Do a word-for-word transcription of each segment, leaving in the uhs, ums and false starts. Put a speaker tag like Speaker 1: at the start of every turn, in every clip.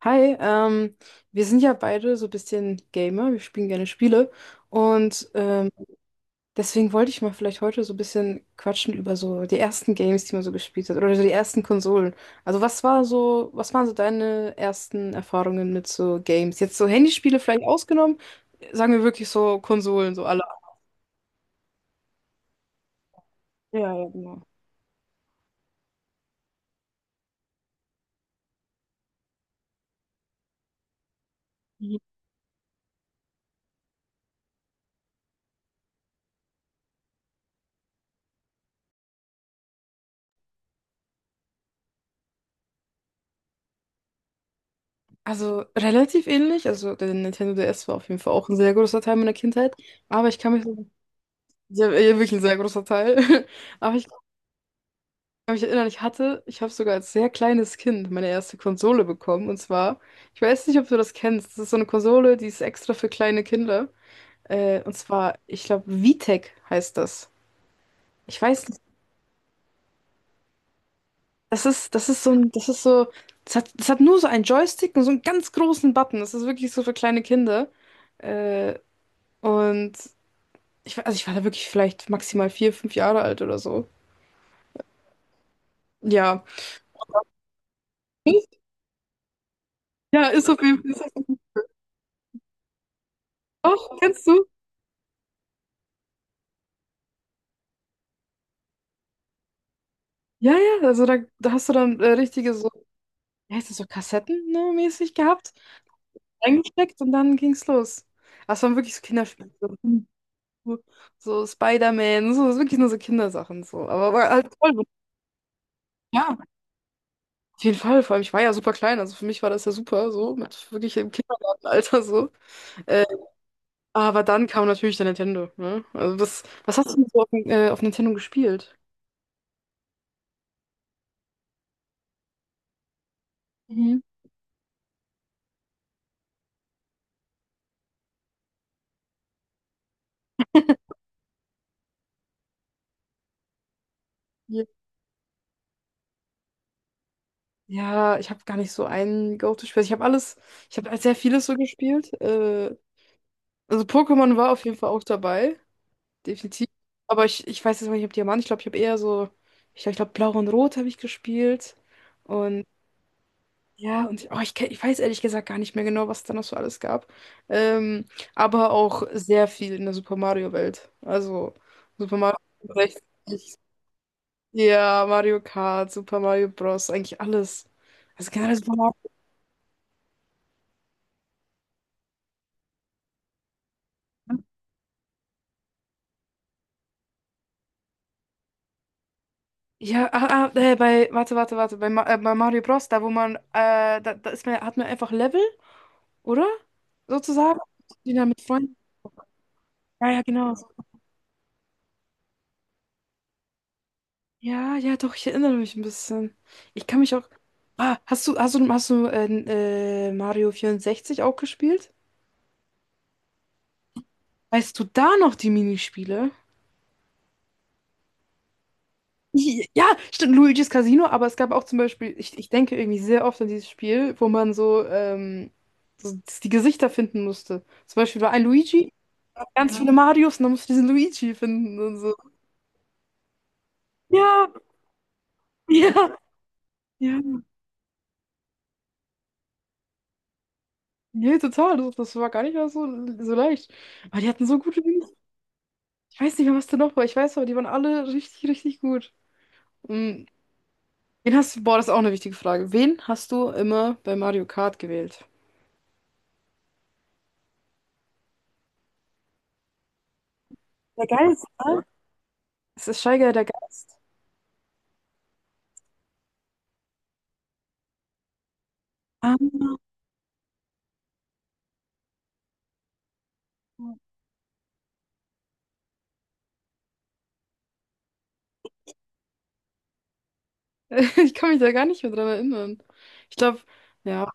Speaker 1: Hi, ähm, wir sind ja beide so ein bisschen Gamer, wir spielen gerne Spiele und ähm, deswegen wollte ich mal vielleicht heute so ein bisschen quatschen über so die ersten Games, die man so gespielt hat oder so die ersten Konsolen. Also was war so, was waren so deine ersten Erfahrungen mit so Games? Jetzt so Handyspiele vielleicht ausgenommen, sagen wir wirklich so Konsolen, so alle. Ja, ja, genau. Mhm. Also relativ ähnlich, also der Nintendo D S war auf jeden Fall auch ein sehr großer Teil meiner Kindheit, aber ich kann mich so, ja, ja, wirklich ein sehr großer Teil. Aber ich kann mich erinnern, ich hatte, ich habe sogar als sehr kleines Kind meine erste Konsole bekommen. Und zwar, ich weiß nicht, ob du das kennst. Das ist so eine Konsole, die ist extra für kleine Kinder. Äh, und zwar, ich glaube, Vitek heißt das. Ich weiß nicht. Das ist, das ist so ein, das ist so, das hat, das hat nur so einen Joystick und so einen ganz großen Button. Das ist wirklich so für kleine Kinder. Äh, und ich, war- also ich war da wirklich vielleicht maximal vier, fünf Jahre alt oder so. Ja. Ja, ist auf jeden Fall. Ist auf jeden Fall. Doch, kennst du? Ja, ja, also da, da hast du dann äh, richtige so, wie heißt das so, Kassetten, ne, mäßig gehabt, eingesteckt und dann ging's los. Das waren wirklich so Kinderspiele. So, so Spider-Man, so, das ist wirklich nur so Kindersachen, so. Aber war halt voll, ja, auf jeden Fall, vor allem, ich war ja super klein, also für mich war das ja super, so, mit wirklich im Kindergartenalter, so. Äh, aber dann kam natürlich der Nintendo, ne? Also das, was hast du denn so auf, dem, äh, auf Nintendo gespielt? Mhm. Ja, ich habe gar nicht so ein Go-To-Spiel. Also, ich habe alles, ich habe sehr vieles so gespielt. Äh, also Pokémon war auf jeden Fall auch dabei, definitiv. Aber ich, ich weiß jetzt noch nicht, ob Diamant, ich glaube, ich habe eher so, ich glaube, ich glaub, Blau und Rot habe ich gespielt. Und ja, und ich- oh, ich, ke- ich weiß ehrlich gesagt gar nicht mehr genau, was es da noch so alles gab. Ähm, aber auch sehr viel in der Super Mario-Welt. Also Super Mario vierundsechzig, ja, Mario Kart, Super Mario Bros., eigentlich alles. Also generell Super Mario. Ja, ah, ah, äh, bei, warte, warte, warte, bei, Ma äh, bei Mario Bros, da wo man, äh, da, da ist man, hat man einfach Level, oder? Sozusagen. Die da mit Freunden. Ja, ja, genau. Ja, ja, doch, ich erinnere mich ein bisschen. Ich kann mich auch. Ah, hast du, hast du, hast du äh, äh, Mario vierundsechzig auch gespielt? Weißt du da noch die Minispiele? Ja, stimmt, Luigi's Casino, aber es gab auch zum Beispiel, ich, ich denke irgendwie sehr oft an dieses Spiel, wo man so, ähm, so die Gesichter finden musste. Zum Beispiel war ein Luigi, ganz viele Marios und dann musst du diesen Luigi finden und so. Ja, ja, ja. Nee, total. Das, das war gar nicht mal so, so leicht. Aber die hatten so gute Wings. Ich weiß nicht mehr, was da noch war. Ich weiß aber, die waren alle richtig, richtig gut. Mhm. Wen hast du, boah, das ist auch eine wichtige Frage. Wen hast du immer bei Mario Kart gewählt? Der Geist, ne? Es ist Steiger der Geist. Ah. Ich kann mich da gar nicht mehr dran erinnern. Ich glaube, ja,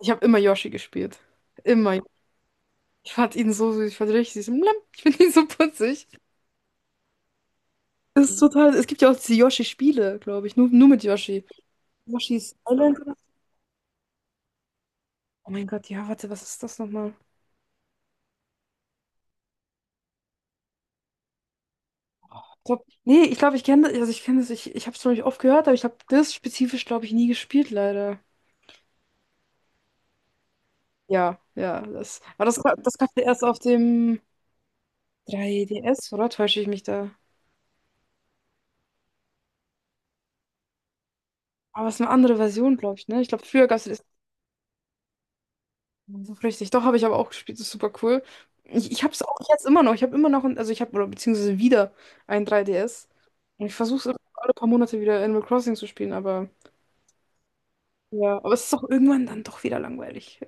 Speaker 1: ich habe immer Yoshi gespielt. Immer. Ich fand ihn so süß. Ich fand ihn richtig süß. Lam, ich finde ihn so putzig. Das ist total. Es gibt ja auch diese Yoshi-Spiele, glaube ich. Nur, nur mit Yoshi. Yoshi's Island. Oh mein Gott, ja, warte, was ist das nochmal? Ich glaub, nee, ich glaube, ich kenne das. Also ich kenne das. Ich, ich habe es zwar nicht oft gehört, aber ich habe das spezifisch, glaube ich, nie gespielt, leider. Ja, ja. Das, aber das, das gab es erst auf dem drei D S, oder? Täusche ich mich da? Aber es ist eine andere Version, glaube ich, ne? Ich glaube, früher gab es so richtig. Doch, habe ich aber auch gespielt. Das ist super cool. Ich, ich habe es auch jetzt immer noch. Ich habe immer noch, ein, also ich habe, oder beziehungsweise wieder ein drei D S. Und ich versuche es alle paar Monate wieder Animal Crossing zu spielen, aber ja, aber es ist auch irgendwann dann doch wieder langweilig.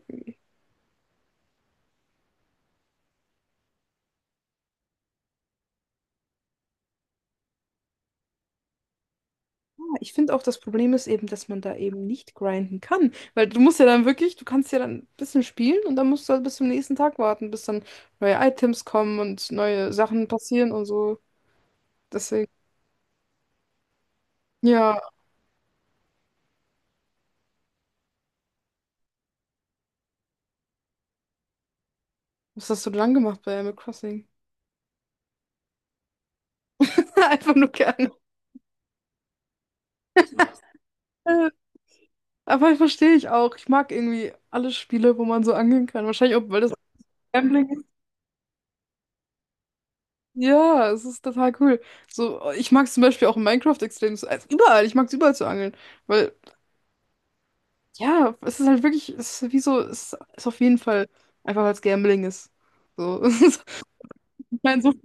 Speaker 1: Ja, ich finde auch, das Problem ist eben, dass man da eben nicht grinden kann. Weil du musst ja dann wirklich, du kannst ja dann ein bisschen spielen und dann musst du halt bis zum nächsten Tag warten, bis dann neue Items kommen und neue Sachen passieren und so. Deswegen, ja, was hast du denn dann gemacht bei Animal Crossing? Einfach nur gerne. Aber verstehe ich auch. Ich mag irgendwie alle Spiele, wo man so angehen kann. Wahrscheinlich auch, weil das Gambling ist. Ja, es ist total cool. So, ich mag es zum Beispiel auch in Minecraft extrem. so- Also überall, ich mag es überall zu angeln. Weil, ja, es ist halt wirklich, es ist wie so, es ist auf jeden Fall einfach, weil es Gambling ist. So, es ist- ich meine, so ist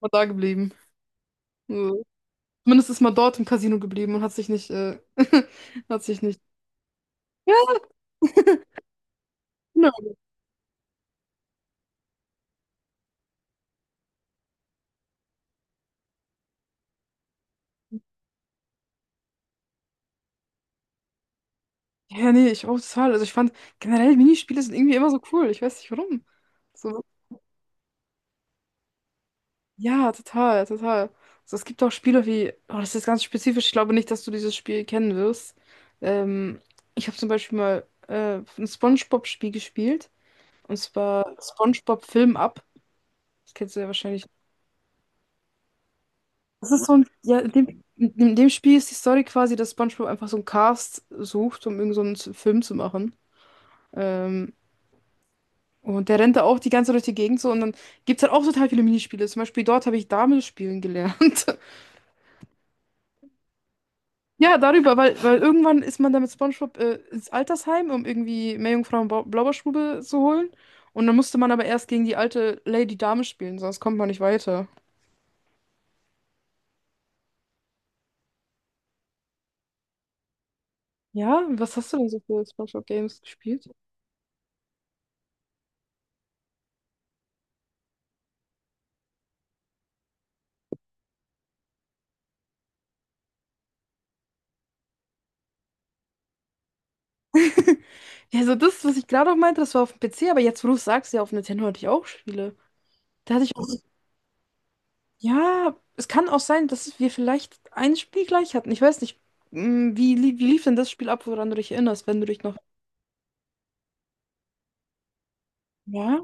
Speaker 1: man da geblieben. So. Zumindest ist man dort im Casino geblieben und hat sich nicht, äh, hat sich nicht. Ja, genau. Ja, nee, ich auch total. Also ich fand generell Minispiele sind irgendwie immer so cool. Ich weiß nicht warum. So, ja, total, total. Also es gibt auch Spiele wie, oh, das ist ganz spezifisch, ich glaube nicht, dass du dieses Spiel kennen wirst. Ähm, Ich habe zum Beispiel mal äh, ein SpongeBob-Spiel gespielt, und zwar SpongeBob Film Up. Das kennst du ja wahrscheinlich. Das ist so ein, ja, in dem, in dem Spiel ist die Story quasi, dass SpongeBob einfach so einen Cast sucht, um irgend so einen Z- Film zu machen. Ähm, und der rennt da auch die ganze Zeit durch die Gegend so und dann gibt es halt auch total viele Minispiele. Zum Beispiel dort habe ich Dame spielen gelernt. Ja, darüber, weil, weil irgendwann ist man dann mit SpongeBob äh, ins Altersheim, um irgendwie Meerjungfrau und Blau- Blaubeerstube zu holen. Und dann musste man aber erst gegen die alte Lady Dame spielen, sonst kommt man nicht weiter. Ja, was hast du denn so für SpongeBob-Games gespielt? Ja, so das, was ich gerade auch meinte, das war auf dem P C, aber jetzt, wo du es sagst, ja, auf Nintendo hatte ich auch Spiele. Da hatte ich auch, ja, es kann auch sein, dass wir vielleicht ein Spiel gleich hatten. Ich weiß nicht, mm, wie, li- wie lief denn das Spiel ab, woran du dich erinnerst, wenn du dich noch. Ja,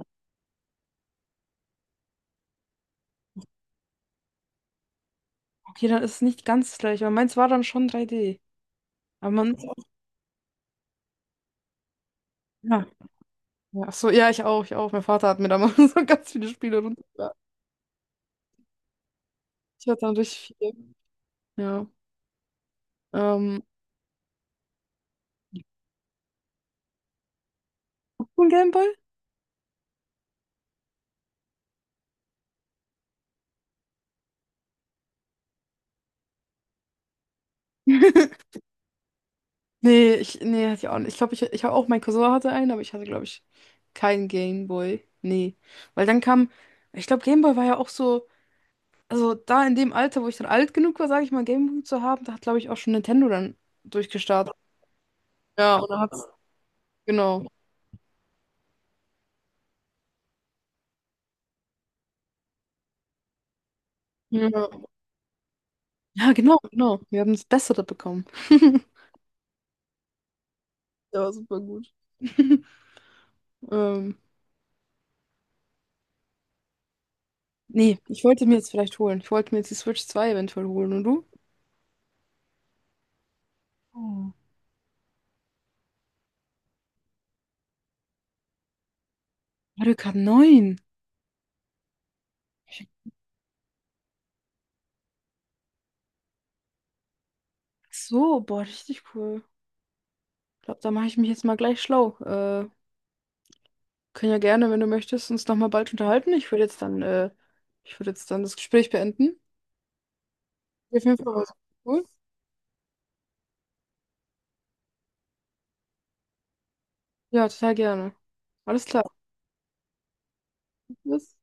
Speaker 1: okay, dann ist es nicht ganz gleich, aber meins war dann schon drei D. Aber man Ja. Ja, ach so, ja, ich auch, ich auch. Mein Vater hat mir damals so ganz viele Spiele runtergeladen. Ich hatte dann richtig viel. Ja. Ähm, Hast du einen Gameboy? Nee, ich, nee, hatte ich auch nicht. Ich glaube, ich, ich habe auch, mein Cousin hatte einen, aber ich hatte, glaube ich, keinen Gameboy. Nee. Weil dann kam, ich glaube, Gameboy war ja auch so, also da in dem Alter, wo ich dann alt genug war, sage ich mal, Gameboy zu haben, da hat, glaube ich, auch schon Nintendo dann durchgestartet. Ja, und dann hat's, genau. Ja, ja genau, genau. Wir haben das Bessere bekommen. Der war super gut. Ähm, nee, ich wollte mir jetzt vielleicht holen. Ich wollte mir jetzt die Switch zwei eventuell holen. Und du? Oh. Mario Kart neun. Ach so, boah, richtig cool. Ich glaube, da mache ich mich jetzt mal gleich schlau. Äh, können ja gerne, wenn du möchtest, uns nochmal bald unterhalten. Ich würde jetzt dann, äh, ich würde jetzt dann das Gespräch beenden. Auf jeden Fall war es cool. Ja, total gerne. Alles klar. Bis.